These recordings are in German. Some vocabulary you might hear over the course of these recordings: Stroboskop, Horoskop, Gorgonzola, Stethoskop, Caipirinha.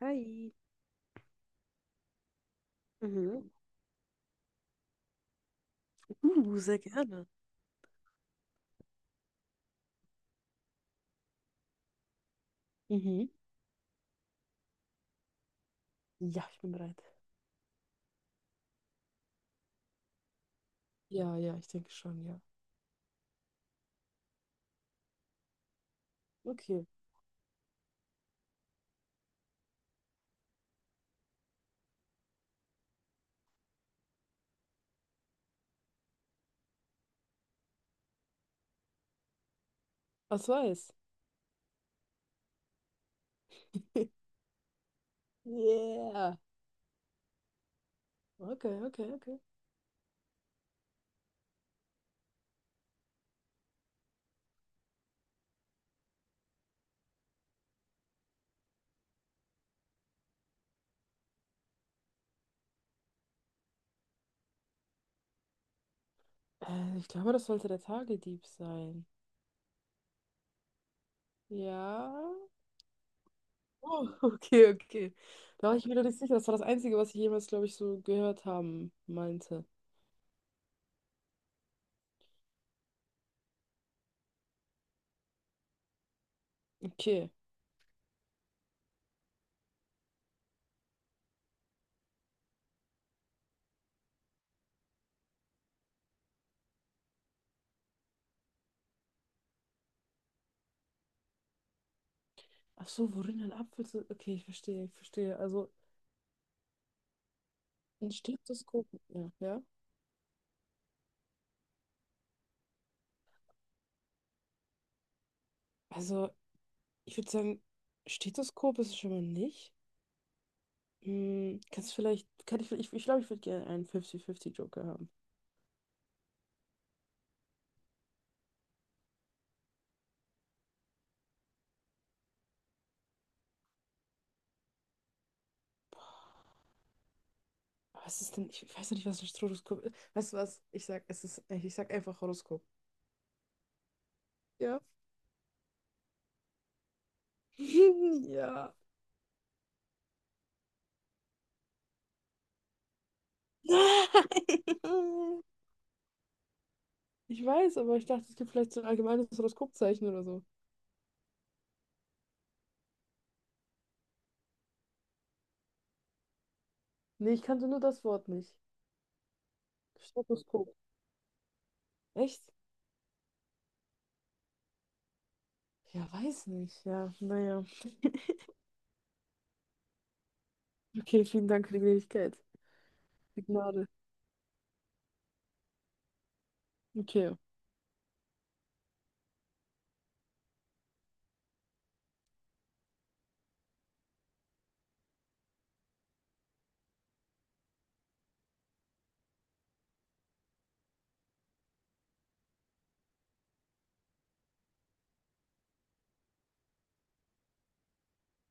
Hi. Mhm. Sehr gerne. Mhm. Ja, ich bin bereit. Ja, ja, ich denke schon, ja. Okay. Was weiß? Yeah. Okay, okay, okay. Ich glaube, das sollte der Tagedieb sein. Ja. Oh, okay, okay. Da war ich wieder nicht sicher. Das war das Einzige, was ich jemals, glaube ich, so gehört haben meinte. Okay. Ach so, worin ein Apfel zu. Okay, ich verstehe, ich verstehe. Also ein Stethoskop. Ja, ja. Also, ich würde sagen, Stethoskop ist es schon mal nicht. Hm, kannst du vielleicht, kann ich glaube, ich würde gerne einen 50-50 Joker haben. Aber was ist denn, ich weiß noch nicht, was ein Stroboskop ist. Weißt du was? Ich sag, es ist, ich sag einfach Horoskop. Ja. Ja. Nein! Ich weiß, aber ich dachte, es gibt vielleicht so ein allgemeines Horoskopzeichen oder so. Nee, ich kannte nur das Wort nicht. Stroboskop. Echt? Ja, weiß nicht. Ja, naja. Okay, vielen Dank für die Gnädigkeit. Die Gnade. Okay.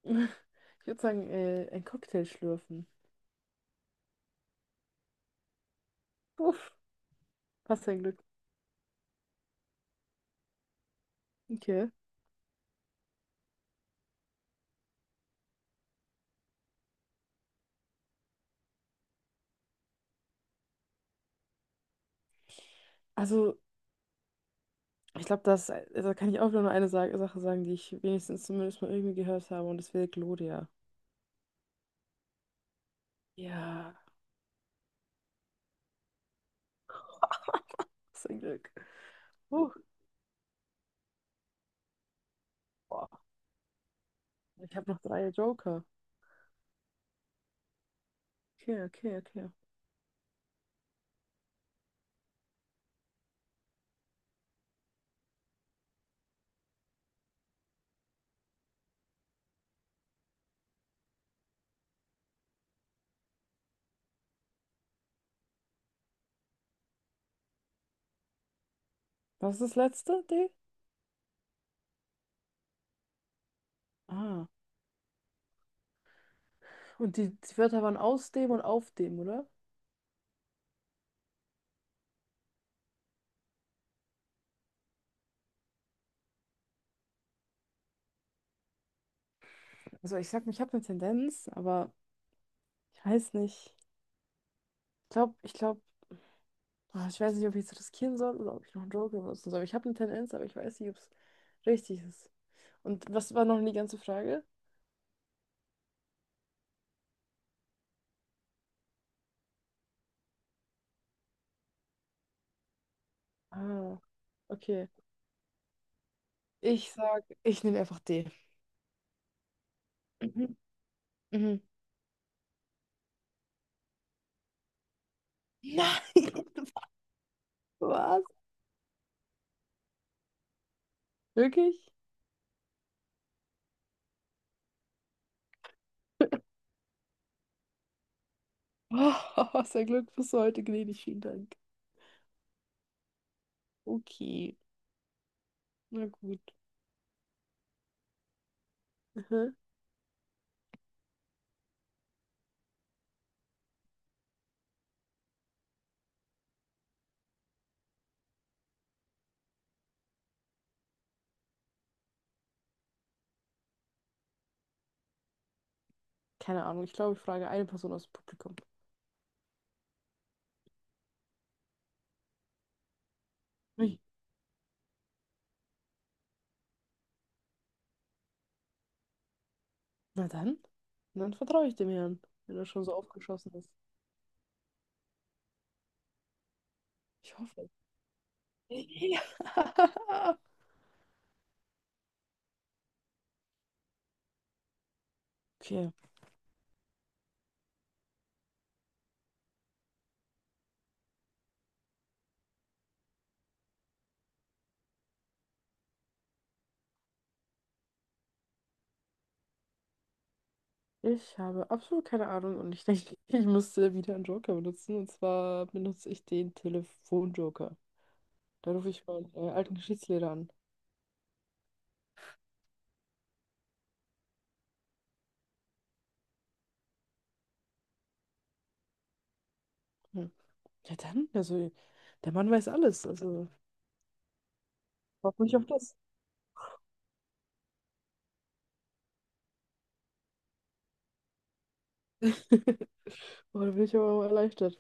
Ich würde sagen, ein Cocktail schlürfen. Uff, passt ja Glück. Okay. Also, ich glaube, das, da kann ich auch wieder nur eine Sache sagen, die ich wenigstens zumindest mal irgendwie gehört habe, und das wäre Gloria. Ja, was ein Glück. Huch, boah, ich habe noch drei Joker. Okay, okay, okay. Was ist das letzte? D? Ah. Und die Wörter waren aus dem und auf dem, oder? Also, ich sag, ich habe eine Tendenz, aber ich weiß nicht. Ich glaube, ich weiß nicht, ob ich es riskieren soll oder ob ich noch einen Joker benutzen soll. Ich habe eine Tendenz, aber ich weiß nicht, ob es richtig ist. Und was war noch die ganze Frage? Ah, okay. Ich sag, ich nehme einfach D. Mhm. Mhm. Nein, was? Wirklich? Oh, sehr Glück bis heute gnädig, vielen Dank. Okay, na gut. Mhm. Keine Ahnung, ich glaube, ich frage eine Person aus dem Publikum. Ui. Na dann? Dann vertraue ich dem Herrn, wenn er schon so aufgeschossen ist. Ich hoffe. Ja. Okay, ich habe absolut keine Ahnung und ich denke, ich müsste wieder einen Joker benutzen. Und zwar benutze ich den Telefonjoker. Da rufe ich meinen alten Geschichtslehrer an. Hm. Ja, dann, also, der Mann weiß alles. Also, hoffe ich auf das. Oh, da bin ich aber mal erleichtert.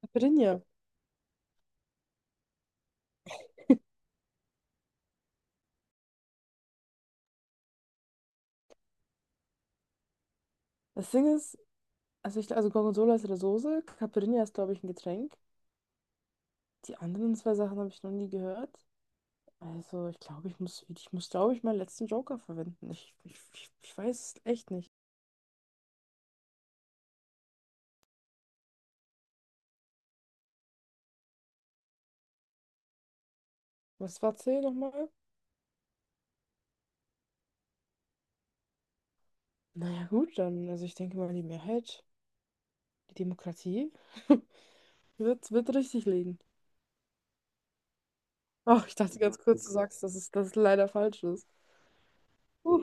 Caipirinha. Das Ding ist, also, also Gorgonzola ist eine Soße. Caipirinha ist, glaube ich, ein Getränk. Die anderen zwei Sachen habe ich noch nie gehört. Also, ich glaube, ich muss, glaube ich, meinen letzten Joker verwenden. Ich weiß es echt nicht. Was war C nochmal? Naja, gut, dann, also ich denke mal, die Mehrheit, die Demokratie, wird richtig liegen. Oh, ich dachte ganz kurz, du sagst, dass es leider falsch ist. Uh,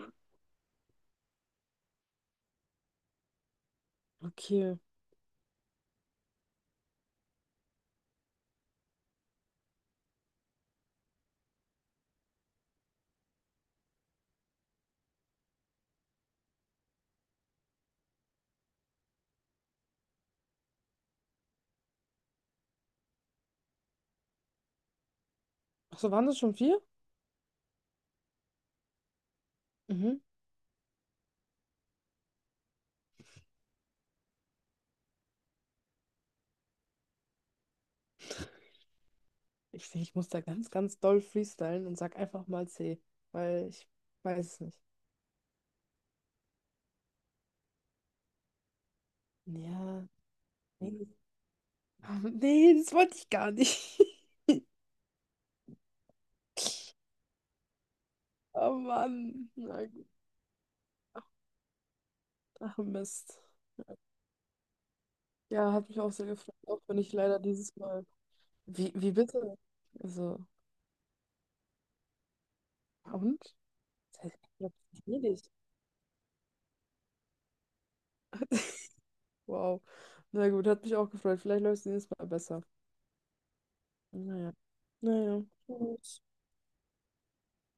okay. Achso, waren das schon vier? Mhm. Ich sehe, ich muss da ganz, ganz doll freestylen und sag einfach mal C, weil ich weiß es nicht. Ja, nee. Ah, nee, das wollte ich gar nicht. Oh Mann. Na gut. Ach Mist. Ja, hat mich auch sehr gefreut, auch wenn ich leider dieses Mal. Wie bitte? Also, und? Das heißt, ich glaub, das ist nicht. Wow. Na gut, hat mich auch gefreut. Vielleicht läuft es nächstes Mal besser. Naja. Naja. Gut.